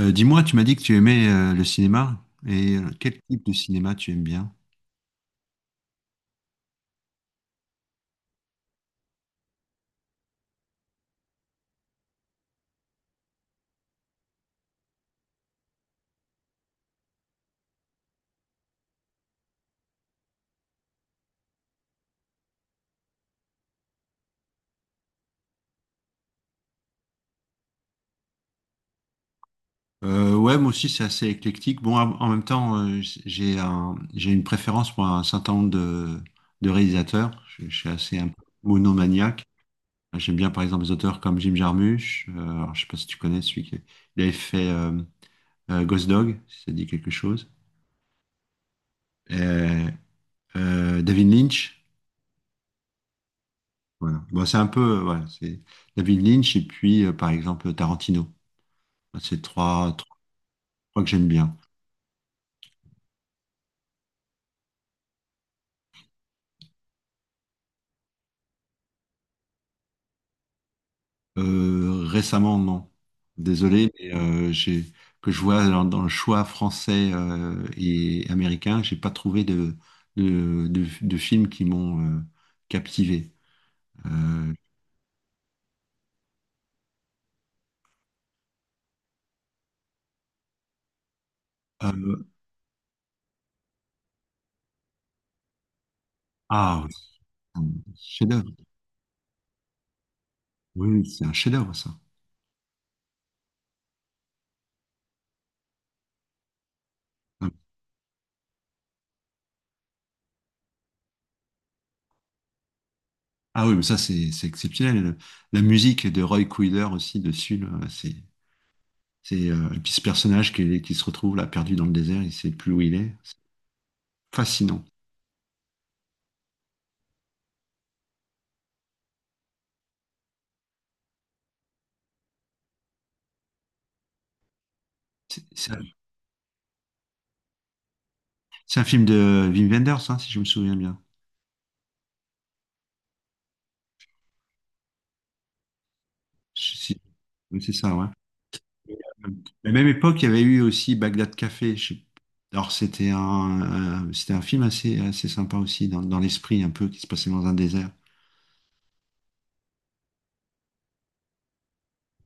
Dis-moi, tu m'as dit que tu aimais le cinéma. Et quel type de cinéma tu aimes bien? Ouais, moi aussi, c'est assez éclectique. Bon, en même temps, j'ai une préférence pour un certain nombre de réalisateurs. Je suis assez un peu monomaniaque. J'aime bien, par exemple, des auteurs comme Jim Jarmusch. Alors, je sais pas si tu connais celui qui il avait fait Ghost Dog, si ça dit quelque chose. Euh, David Lynch. Voilà. Bon, c'est un peu, voilà, c'est David Lynch et puis, par exemple, Tarantino. C'est trois, crois que j'aime bien. Récemment, non. Désolé, mais j'ai que je vois dans le choix français et américain, j'ai pas trouvé de de films qui m'ont captivé. Euh, euh, ah, c'est un chef-d'œuvre. Oui, oui, c'est un chef-d'œuvre ça. Ah, ah oui, mais ça c'est exceptionnel. La musique de Roy Cuiller aussi dessus, là, c'est et puis ce personnage qui se retrouve là perdu dans le désert, il sait plus où il est. C'est fascinant. C'est c'est C'est un film de Wim Wenders, hein, si je me souviens bien. Je- si- oui, c'est ça, ouais. La même époque, il y avait eu aussi Bagdad Café. Alors, c'était un film assez sympa aussi, dans l'esprit un peu, qui se passait dans un désert.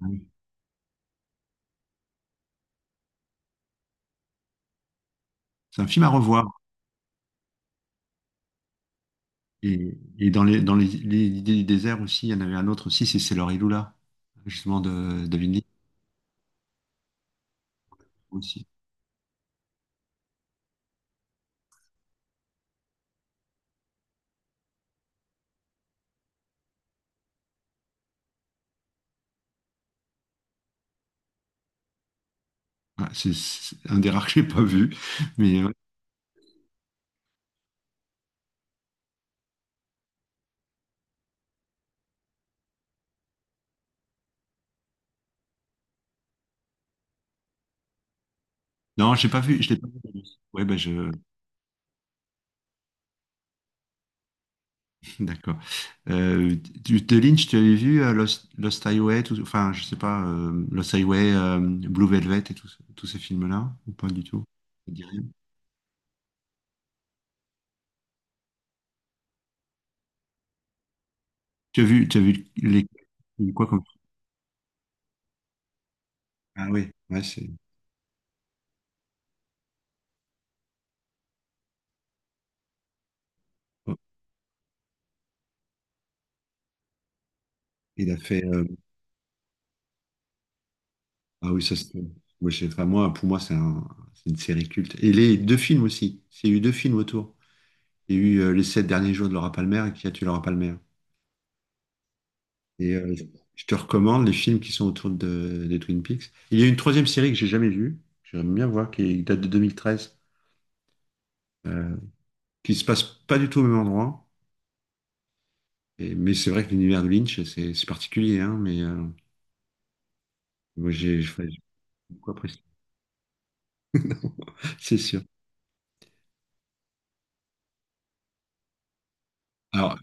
Oui. C'est un film à revoir. Et, l'idée du désert aussi, il y en avait un autre aussi, c'est Sailor et Lula, justement de David Lynch aussi. Ouais, c'est un des rares que j'ai pas vu. Mais non, j'ai pas vu, je l'ai pas vu. Ouais, ben je, D'accord. Euh, de Lynch, tu avais vu Lost Highway, enfin, je sais pas, Lost Highway, Blue Velvet et tous ces films-là, ou pas du tout? Ça te dit rien. Tu as vu quoi comme... Ah oui, ouais, c'est... Oh, il a fait... ah oui, ça c'est... moi, je sais pas, moi, pour moi, c'est une série culte. Et les deux films aussi. Il y a eu deux films autour. Il y a eu Les Sept Derniers Jours de Laura Palmer et Qui a tué Laura Palmer. Et je te recommande les films qui sont autour des Twin Peaks. Il y a une troisième série que j'ai jamais vue, que j'aimerais bien voir, qui date de 2013, euh, qui se passe pas du tout au même endroit. Et, mais c'est vrai que l'univers de Lynch, c'est particulier, hein, mais moi j'ai beaucoup apprécié, c'est sûr. Alors,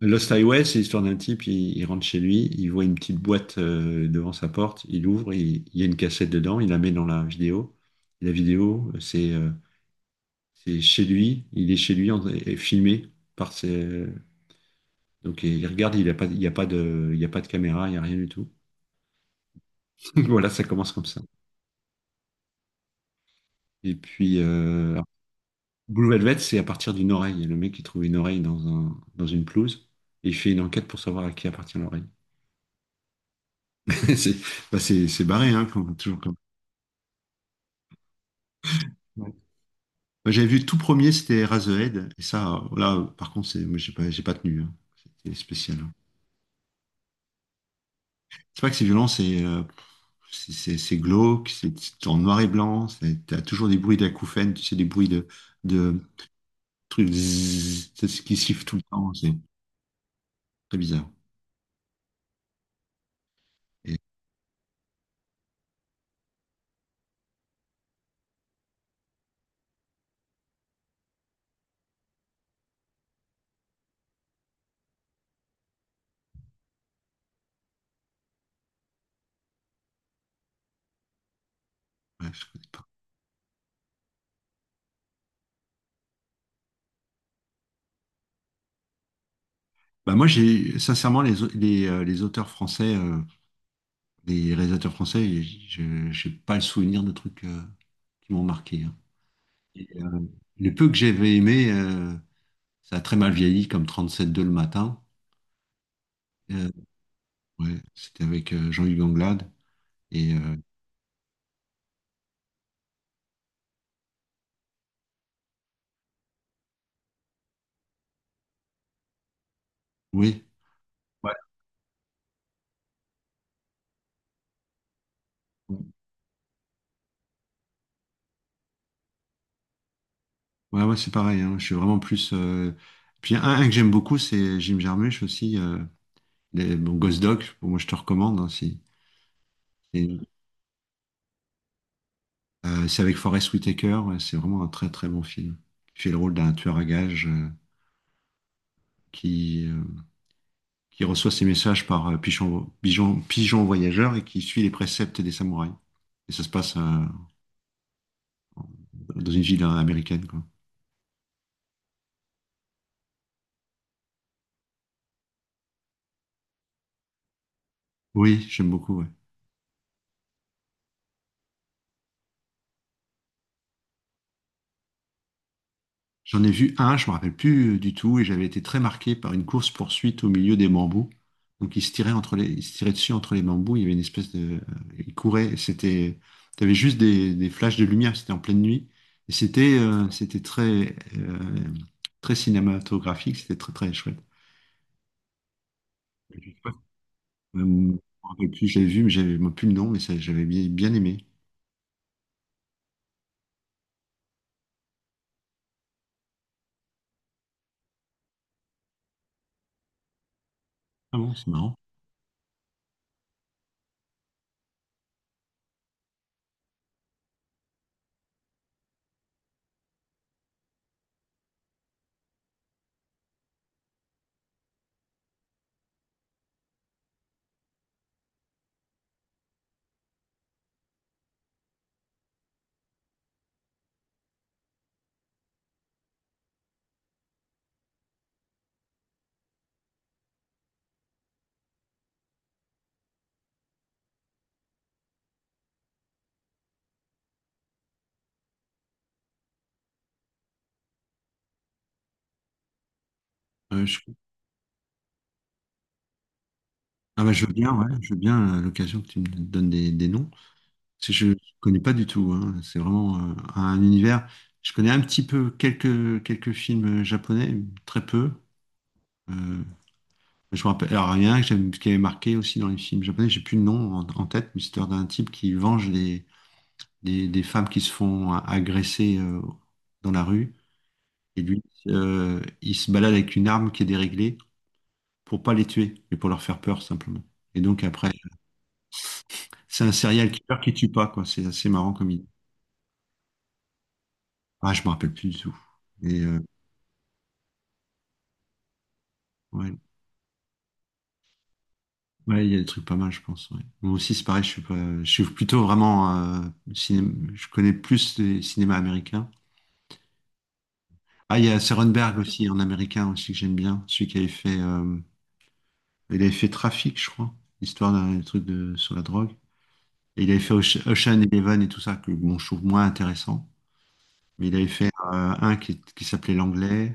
Lost Highway, c'est l'histoire d'un type, il rentre chez lui, il voit une petite boîte devant sa porte, il ouvre, il y a une cassette dedans, il la met dans la vidéo. Et la vidéo, c'est chez lui, il est chez lui en- et filmé par ses, donc il regarde, il n'y a pas, il y a pas de, il y a pas de caméra, il n'y a rien du tout. Voilà, ça commence comme ça. Et puis Blue Velvet, c'est à partir d'une oreille. Le mec qui trouve une oreille dans une pelouse et il fait une enquête pour savoir à qui appartient l'oreille. C'est bah, c'est barré, hein, comme, toujours comme. Ouais. Moi, j'avais vu le tout premier, c'était Eraserhead, et ça, là, par contre, c'est, moi, j'ai pas tenu, hein. C'était spécial, hein. C'est pas que c'est violent, c'est glauque, c'est en noir et blanc, c'est- t'as toujours des bruits d'acouphènes, tu sais, des bruits de, truc zzz, c'est ce qui siffle tout le temps, c'est très bizarre. Et, ouais, je connais pas. Bah, moi, j'ai sincèrement les auteurs français, les réalisateurs français, je n'ai pas le souvenir de trucs qui m'ont marqué, hein. Et, le peu que j'avais aimé, ça a très mal vieilli, comme 37.2 le matin. Euh, ouais, c'était avec Jean-Hugues Anglade. Et oui, ouais, ouais, c'est pareil, hein. Je suis vraiment plus. Euh, un que j'aime beaucoup, c'est Jim Jarmusch aussi. Les- Bon, Ghost Dog, moi je te recommande, hein, et, c'est avec Forest Whitaker, ouais, c'est vraiment un très bon film. Il fait le rôle d'un tueur à gages qui, euh, qui reçoit ses messages par pigeon voyageur et qui suit les préceptes des samouraïs. Et ça se passe dans une ville américaine, quoi. Oui, j'aime beaucoup, ouais. J'en ai vu un, je me rappelle plus du tout, et j'avais été très marqué par une course-poursuite au milieu des bambous. Donc il se tirait dessus entre les bambous. Il y avait une espèce de, il courait, et c'était, t'avais juste des flashs de lumière. C'était en pleine nuit, et c'était, c'était très, très cinématographique. C'était très chouette. Je sais pas, je me rappelle plus, j'avais vu, mais j'avais moi, plus le nom, mais ça, j'avais bien aimé. Ah bon, c'est marrant. Euh, je- Ah bah je veux bien, ouais, je veux bien l'occasion que tu me donnes des noms. Parce que je ne connais pas du tout, hein. C'est vraiment un univers. Je connais un petit peu quelques films japonais, très peu. Euh, je me rappelle. Alors, il y en a un qui avait marqué aussi dans les films japonais, j'ai plus le nom en tête, mais c'était d'un type qui venge des femmes qui se font agresser dans la rue. Et lui, il se balade avec une arme qui est déréglée pour pas les tuer, mais pour leur faire peur simplement. Et donc après, c'est un serial killer qui tue pas, quoi. C'est assez marrant comme idée. Ah, je me rappelle plus du tout. Et, ouais, ouais, il y a des trucs pas mal, je pense, ouais. Moi aussi, c'est pareil, je suis pas, je suis plutôt vraiment je connais plus les cinémas américains. Ah, il y a Cronenberg aussi, en américain aussi que j'aime bien, celui qui avait fait, il avait fait Trafic, je crois, histoire d'un truc de sur la drogue. Et il avait fait Ocean Eleven et tout ça, que bon, je trouve moins intéressant. Mais il avait fait un qui s'appelait L'Anglais,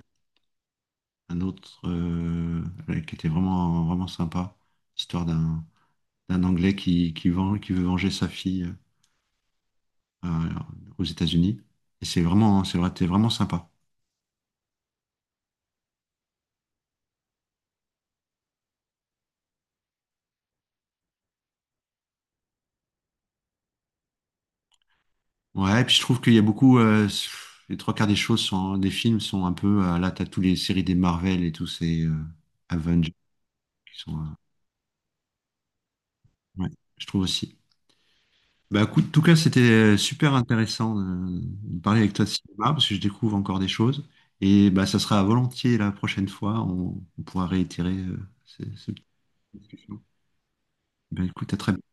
un autre ouais, qui était vraiment sympa, histoire d'un Anglais qui qui veut venger sa fille, euh, euh, aux États-Unis. Et c'est vraiment, hein, c'est vrai, c'était vraiment sympa. Ouais, et puis je trouve qu'il y a beaucoup, les trois quarts des choses sont, des films sont un peu, là, t'as toutes les séries des Marvel et tous ces Avengers qui sont, ouais, je trouve aussi. Bah, écoute, en tout cas, c'était super intéressant de parler avec toi de cinéma parce que je découvre encore des choses. Et bah, ça sera volontiers la prochaine fois, on pourra réitérer ces petites discussions. Bah, écoute, à très bientôt.